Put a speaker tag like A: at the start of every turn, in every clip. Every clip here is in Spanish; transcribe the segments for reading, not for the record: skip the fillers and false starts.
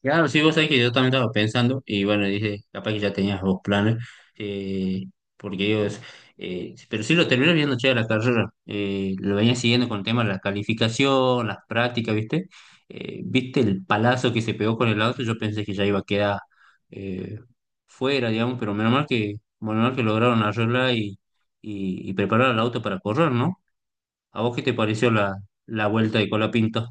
A: Claro, sí, vos sabés que yo también estaba pensando, y bueno, dije, capaz que ya tenías dos planes, eh, porque ellos, pero sí lo terminé viendo che la carrera, lo venía siguiendo con el tema de la calificación, las prácticas, ¿viste? ¿Viste el palazo que se pegó con el auto? Yo pensé que ya iba a quedar eh, fuera, digamos, pero menos mal que lograron arreglar y preparar el auto para correr, ¿no? ¿A vos qué te pareció la vuelta de Colapinto?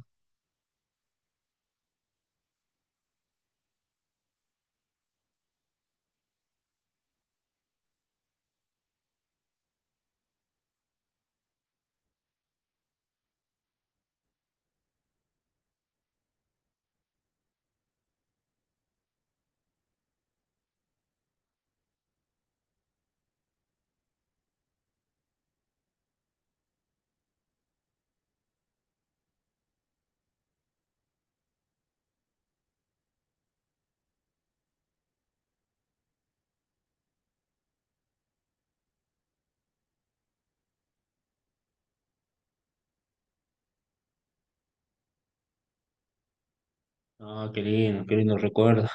A: Ah, qué lindo recuerdo.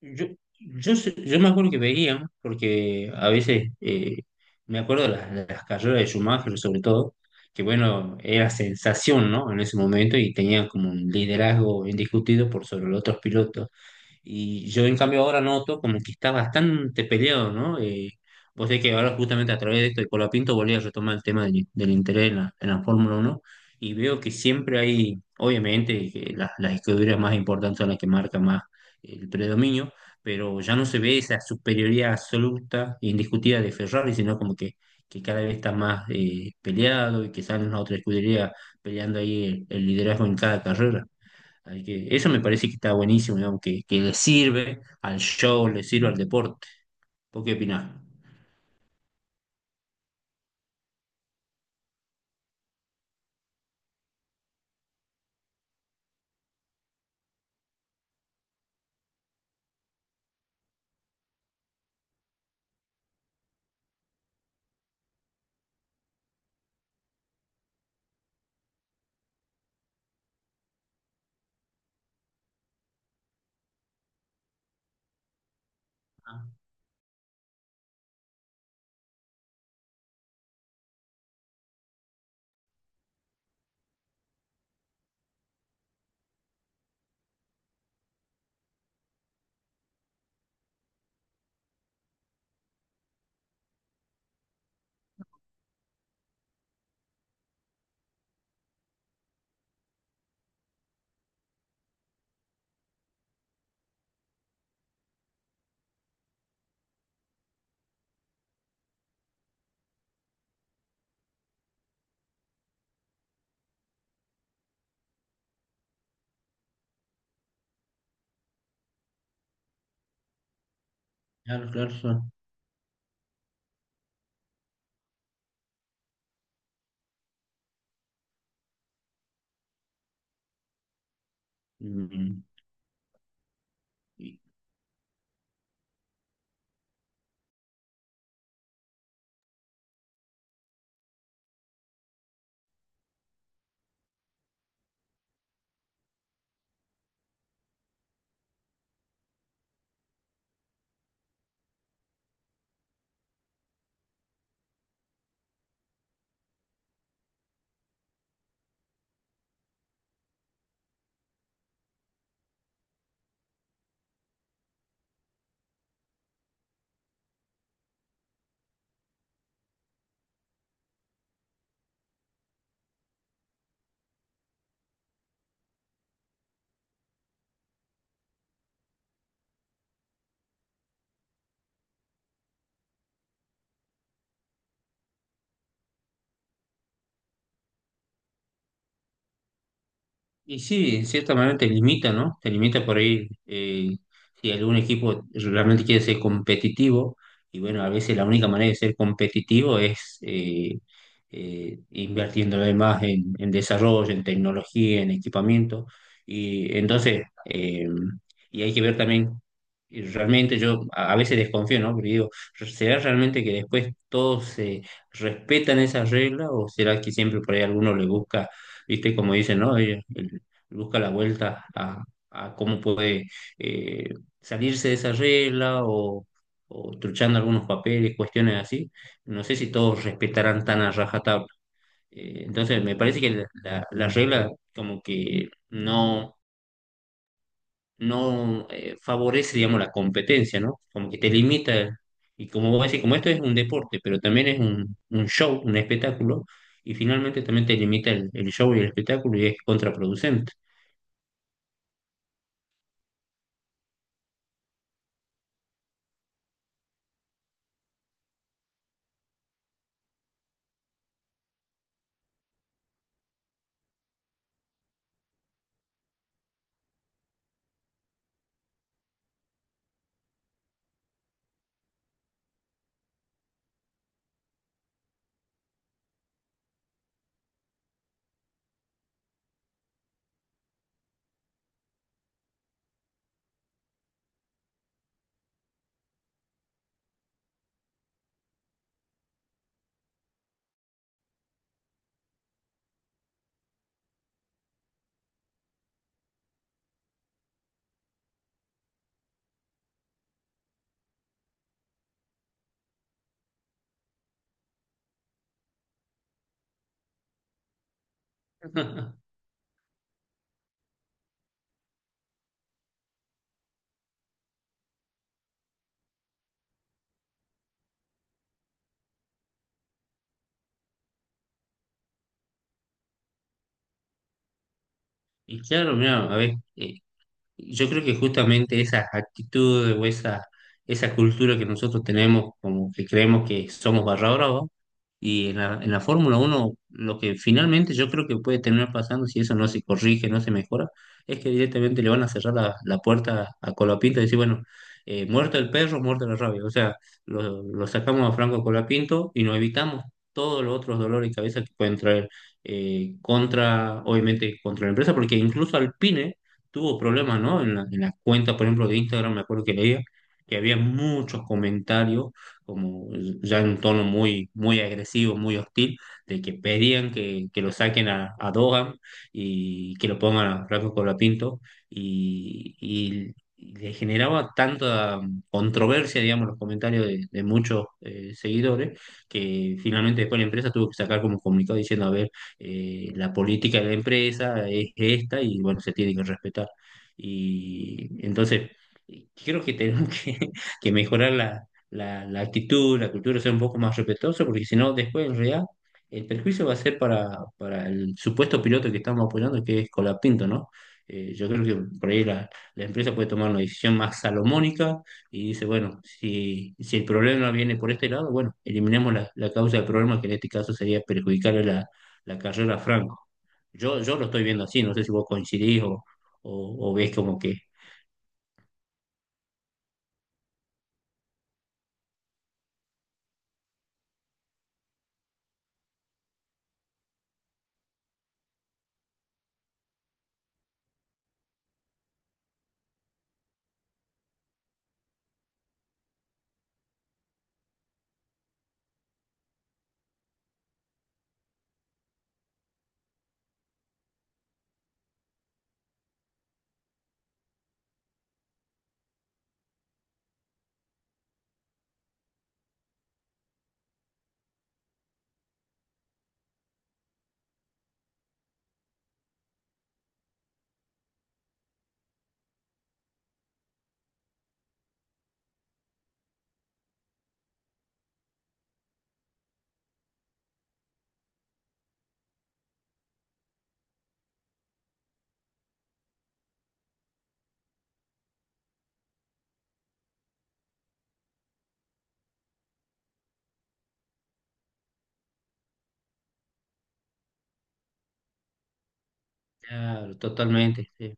A: Yo, yo me acuerdo que veían, porque a veces me acuerdo de de las carreras de Schumacher, sobre todo, que bueno, era sensación, ¿no? En ese momento y tenían como un liderazgo indiscutido por sobre los otros pilotos. Y yo en cambio ahora noto como que está bastante peleado, ¿no? Vos sabés que ahora justamente a través de esto de Colapinto volví a retomar el tema del interés en en la Fórmula uno y veo que siempre hay, obviamente, que las escuderías más importantes son las que marcan más el predominio, pero ya no se ve esa superioridad absoluta e indiscutida de Ferrari, sino que cada vez está más peleado y que salen las otras escuderías peleando ahí el liderazgo en cada carrera. Así que eso me parece que está buenísimo, digamos, que le sirve al show, le sirve al deporte. ¿Vos qué opinás? Ah, claro, claro, claro. Mm, y sí, en cierta manera te limita, ¿no? Te limita por ahí, si algún equipo realmente quiere ser competitivo. Y bueno, a veces la única manera de ser competitivo es invirtiéndole más en desarrollo, en tecnología, en equipamiento. Y entonces, y hay que ver también, y realmente yo a veces desconfío, ¿no? Porque digo, ¿será realmente que después todos se respetan esas reglas o será que siempre por ahí alguno le busca, viste, como dicen, ¿no? Ellos- busca la vuelta a cómo puede eh, salirse de esa regla o truchando algunos papeles, cuestiones así. No sé si todos respetarán tan a rajatabla. Entonces, me parece que la regla como que no favorece, digamos, la competencia, ¿no? Como que te limita. Y como vos decís, como esto es un deporte, pero también es un show, un espectáculo, y finalmente también te limita el show y el espectáculo y es contraproducente. Y claro, mira, a ver, yo creo que justamente esas actitudes o esa cultura que nosotros tenemos, como que creemos que somos barra brava, y en en la Fórmula uno lo que finalmente yo creo que puede terminar pasando, si eso no se corrige, no se mejora, es que directamente le van a cerrar la puerta a Colapinto y decir, bueno, muerto el perro, muerto la rabia. O sea, lo sacamos a Franco Colapinto y nos evitamos todos los otros dolores de cabeza que pueden traer, contra, obviamente, contra la empresa, porque incluso Alpine tuvo problemas, ¿no? En en las cuentas, por ejemplo, de Instagram, me acuerdo que leía que había muchos comentarios, como ya en un tono muy, muy agresivo, muy hostil, de que pedían que lo saquen a Dogan y que lo pongan a Franco Colapinto, y, y y le generaba tanta controversia, digamos, los comentarios de muchos, seguidores, que finalmente después la empresa tuvo que sacar como un comunicado diciendo, a ver, la política de la empresa es esta y bueno, se tiene que respetar. Y entonces, creo que tenemos que mejorar la actitud, la cultura, ser un poco más respetuoso, porque si no, después en realidad el perjuicio va a ser para el supuesto piloto que estamos apoyando, que es Colapinto, ¿no? Yo creo que por ahí la empresa puede tomar una decisión más salomónica y dice, bueno, si el problema viene por este lado, bueno, eliminemos la causa del problema, que en este caso sería perjudicar la carrera Franco. Yo lo estoy viendo así, no sé si vos coincidís o ves como que... Claro, totalmente. Sí.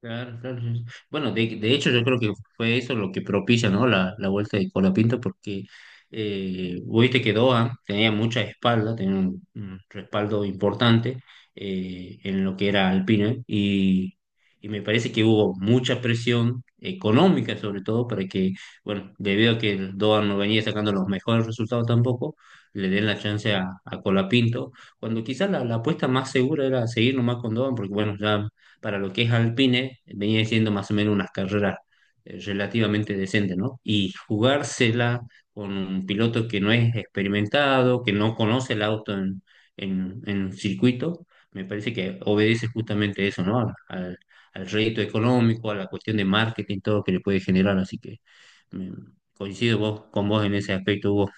A: Claro, claro, sí. Sí. Bueno, de hecho yo creo que fue eso lo que propicia, ¿no? La vuelta de Colapinto porque eh, te quedó, ah, tenía mucha espalda, tenía un respaldo importante, en lo que era Alpine y me parece que hubo mucha presión económica sobre todo para que, bueno, debido a que el Doan no venía sacando los mejores resultados tampoco, le den la chance a Colapinto, cuando quizás la apuesta más segura era seguir nomás con Doan porque bueno, ya para lo que es Alpine, venía siendo más o menos unas carreras relativamente decentes, ¿no? Y jugársela con un piloto que no es experimentado, que no conoce el auto en circuito, me parece que obedece justamente eso, ¿no? Al, al al rédito económico, a la cuestión de marketing, todo que le puede generar, así que mm, coincido vos, con vos en ese aspecto, Hugo.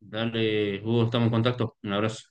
A: Dale, Hugo, estamos en contacto. Un abrazo.